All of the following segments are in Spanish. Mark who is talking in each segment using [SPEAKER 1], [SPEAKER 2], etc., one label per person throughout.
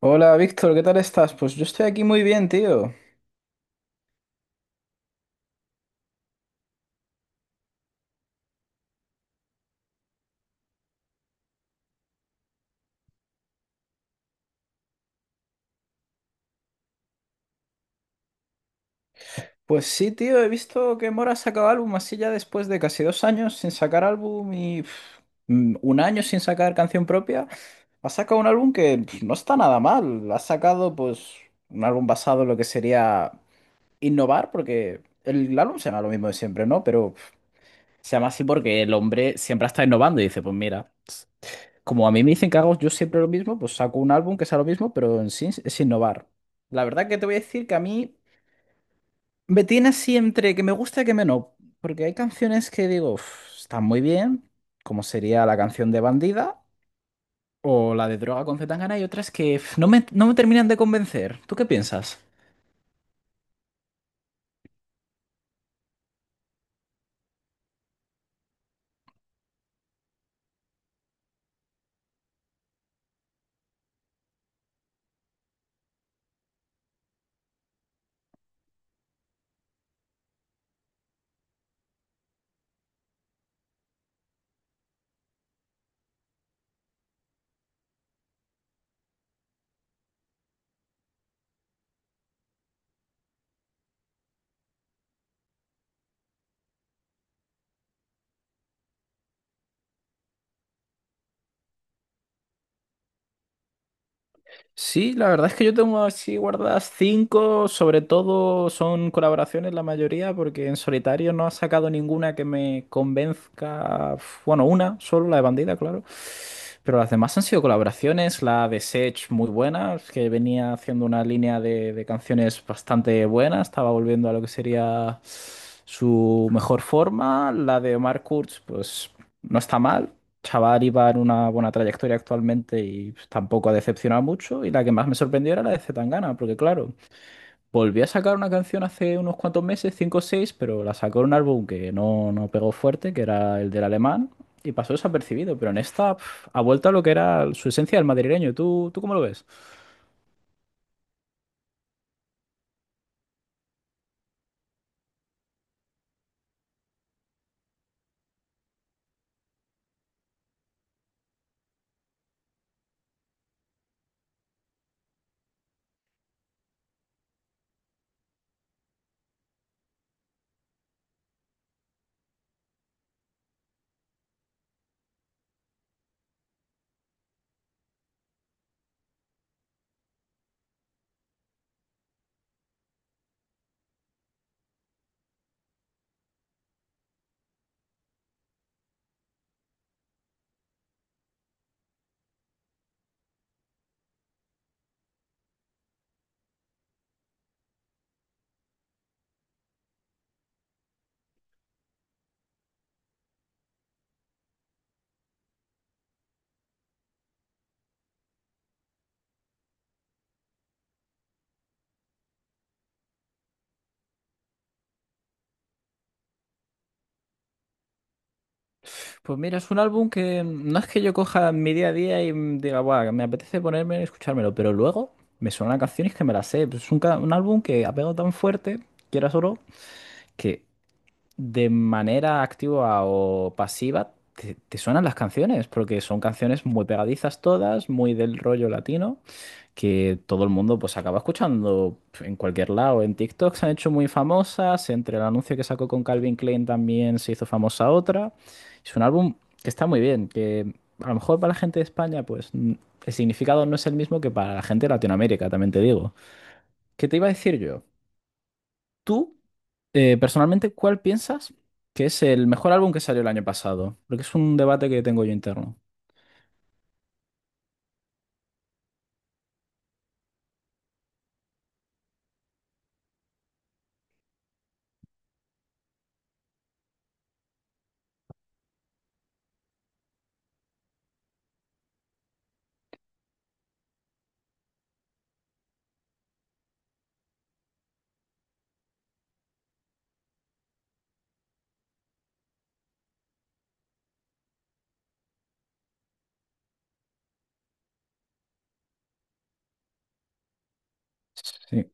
[SPEAKER 1] Hola Víctor, ¿qué tal estás? Pues yo estoy aquí muy bien, tío. Pues sí, tío, he visto que Mora ha sacado álbum así ya después de casi dos años sin sacar álbum y un año sin sacar canción propia. Ha sacado un álbum que no está nada mal. Ha sacado pues un álbum basado en lo que sería innovar, porque el álbum se llama lo mismo de siempre, ¿no? Pero se llama así porque el hombre siempre está innovando y dice, pues mira. Como a mí me dicen que hago yo siempre lo mismo, pues saco un álbum que sea lo mismo, pero en sí es innovar. La verdad que te voy a decir que a mí me tiene así entre que me gusta y que me no, porque hay canciones que digo, "Uf, están muy bien, como sería la canción de Bandida o la de Droga con C. Tangana", y otras que uf, no me terminan de convencer. ¿Tú qué piensas? Sí, la verdad es que yo tengo así guardadas cinco, sobre todo son colaboraciones la mayoría, porque en solitario no ha sacado ninguna que me convenzca. Bueno, una, solo la de Bandida, claro. Pero las demás han sido colaboraciones, la de Sech muy buena, que venía haciendo una línea de canciones bastante buena, estaba volviendo a lo que sería su mejor forma. La de Omar Kurz, pues no está mal, chaval iba en una buena trayectoria actualmente y pues, tampoco ha decepcionado mucho. Y la que más me sorprendió era la de Zetangana, porque claro, volvió a sacar una canción hace unos cuantos meses, 5 o seis, pero la sacó en un álbum que no pegó fuerte, que era el del alemán, y pasó desapercibido. Pero en esta ha vuelto a lo que era su esencia del madrileño. ¿Tú cómo lo ves? Pues mira, es un álbum que no es que yo coja mi día a día y diga, guau, me apetece ponerme y escuchármelo, pero luego me suenan canciones que me las sé. Pues es un, un álbum que ha pegado tan fuerte, quieras o no, que de manera activa o pasiva, te suenan las canciones, porque son canciones muy pegadizas todas, muy del rollo latino, que todo el mundo pues acaba escuchando en cualquier lado. En TikTok se han hecho muy famosas, entre el anuncio que sacó con Calvin Klein también se hizo famosa otra. Es un álbum que está muy bien, que a lo mejor para la gente de España pues el significado no es el mismo que para la gente de Latinoamérica, también te digo. ¿Qué te iba a decir yo? ¿Tú? Personalmente, ¿cuál piensas que es el mejor álbum que salió el año pasado? Porque es un debate que tengo yo interno. Sí.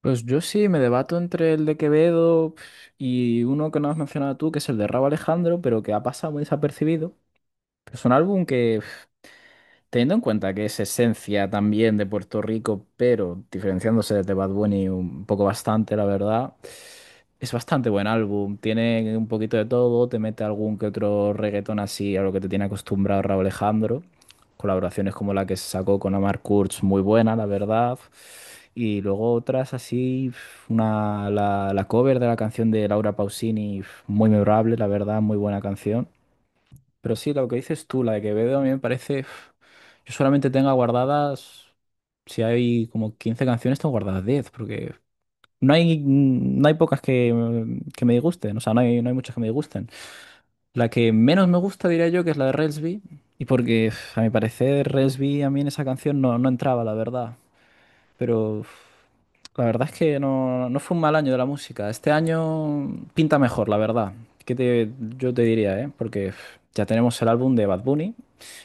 [SPEAKER 1] Pues yo sí me debato entre el de Quevedo y uno que no has mencionado tú, que es el de Rauw Alejandro, pero que ha pasado muy desapercibido. Pero es un álbum que, teniendo en cuenta que es esencia también de Puerto Rico, pero diferenciándose de Bad Bunny un poco bastante, la verdad, es bastante buen álbum. Tiene un poquito de todo, te mete algún que otro reggaetón así a lo que te tiene acostumbrado Rauw Alejandro, colaboraciones como la que se sacó con Omar Kurz, muy buena, la verdad, y luego otras así, una, la cover de la canción de Laura Pausini, muy memorable, la verdad, muy buena canción. Pero sí, lo que dices tú, la de Quevedo, a mí me parece, yo solamente tengo guardadas, si hay como 15 canciones, tengo guardadas 10, porque... No hay, no hay pocas que, que me disgusten, o sea, no hay, no hay muchas que me disgusten. La que menos me gusta, diría yo, que es la de Relsby, y porque uf, a mi parecer Relsby a mí en esa canción no entraba, la verdad. Pero uf, la verdad es que no fue un mal año de la música. Este año pinta mejor, la verdad. ¿Qué te, yo te diría, eh? Porque uf, ya tenemos el álbum de Bad Bunny,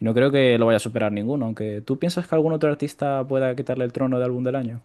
[SPEAKER 1] y no creo que lo vaya a superar ninguno, aunque tú piensas que algún otro artista pueda quitarle el trono de álbum del año.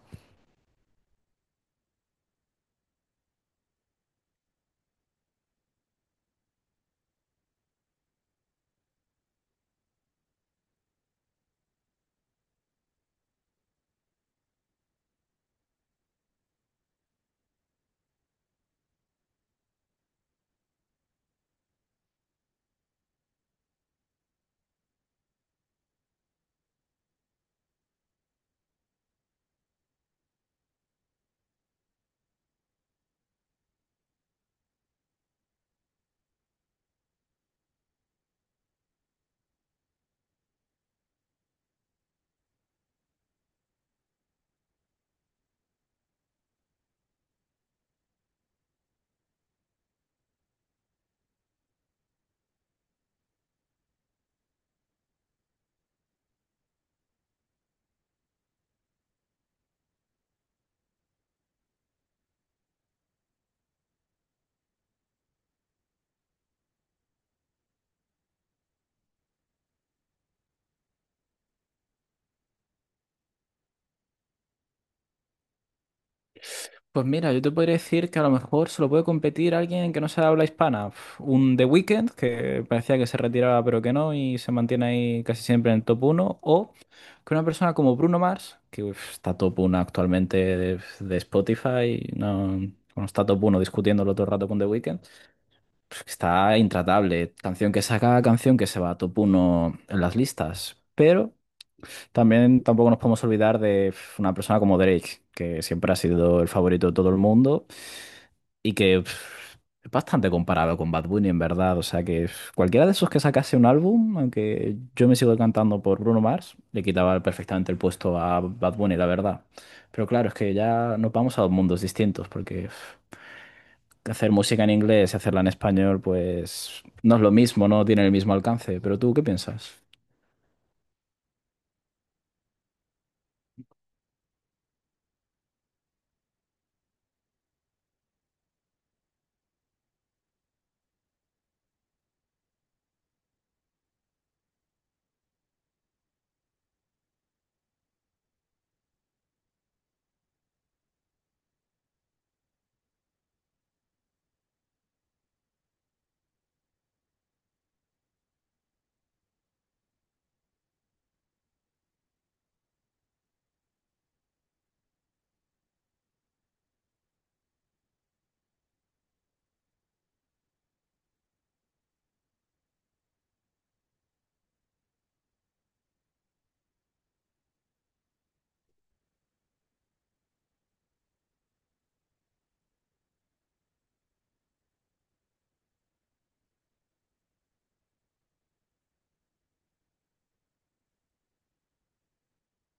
[SPEAKER 1] Pues mira, yo te podría decir que a lo mejor se lo puede competir alguien que no sea de habla hispana. Uf, un The Weeknd, que parecía que se retiraba pero que no y se mantiene ahí casi siempre en el top uno, o que una persona como Bruno Mars, que uf, está top uno actualmente de Spotify, no, bueno, está top uno discutiéndolo todo el rato con The Weeknd, pues que está intratable. Canción que saca, canción que se va a top uno en las listas. Pero también tampoco nos podemos olvidar de uf, una persona como Drake, que siempre ha sido el favorito de todo el mundo y que es bastante comparado con Bad Bunny, en verdad. O sea que cualquiera de esos que sacase un álbum, aunque yo me sigo cantando por Bruno Mars, le quitaba perfectamente el puesto a Bad Bunny, la verdad. Pero claro, es que ya nos vamos a dos mundos distintos, porque hacer música en inglés y hacerla en español, pues no es lo mismo, no tiene el mismo alcance. Pero tú, ¿qué piensas?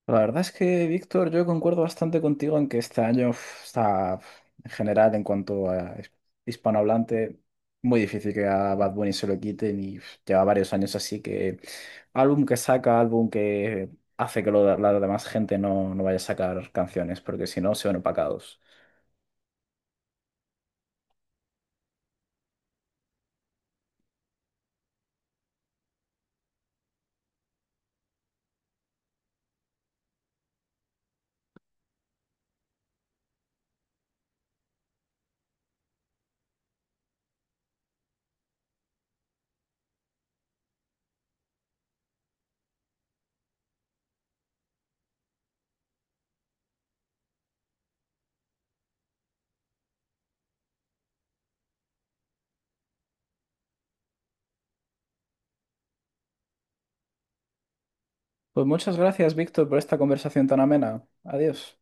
[SPEAKER 1] La verdad es que, Víctor, yo concuerdo bastante contigo en que este año uf, está, uf, en general, en cuanto a hispanohablante, muy difícil que a Bad Bunny se lo quiten, y uf, lleva varios años así que álbum que saca, álbum que hace que la demás gente no vaya a sacar canciones, porque si no, se van opacados. Pues muchas gracias, Víctor, por esta conversación tan amena. Adiós.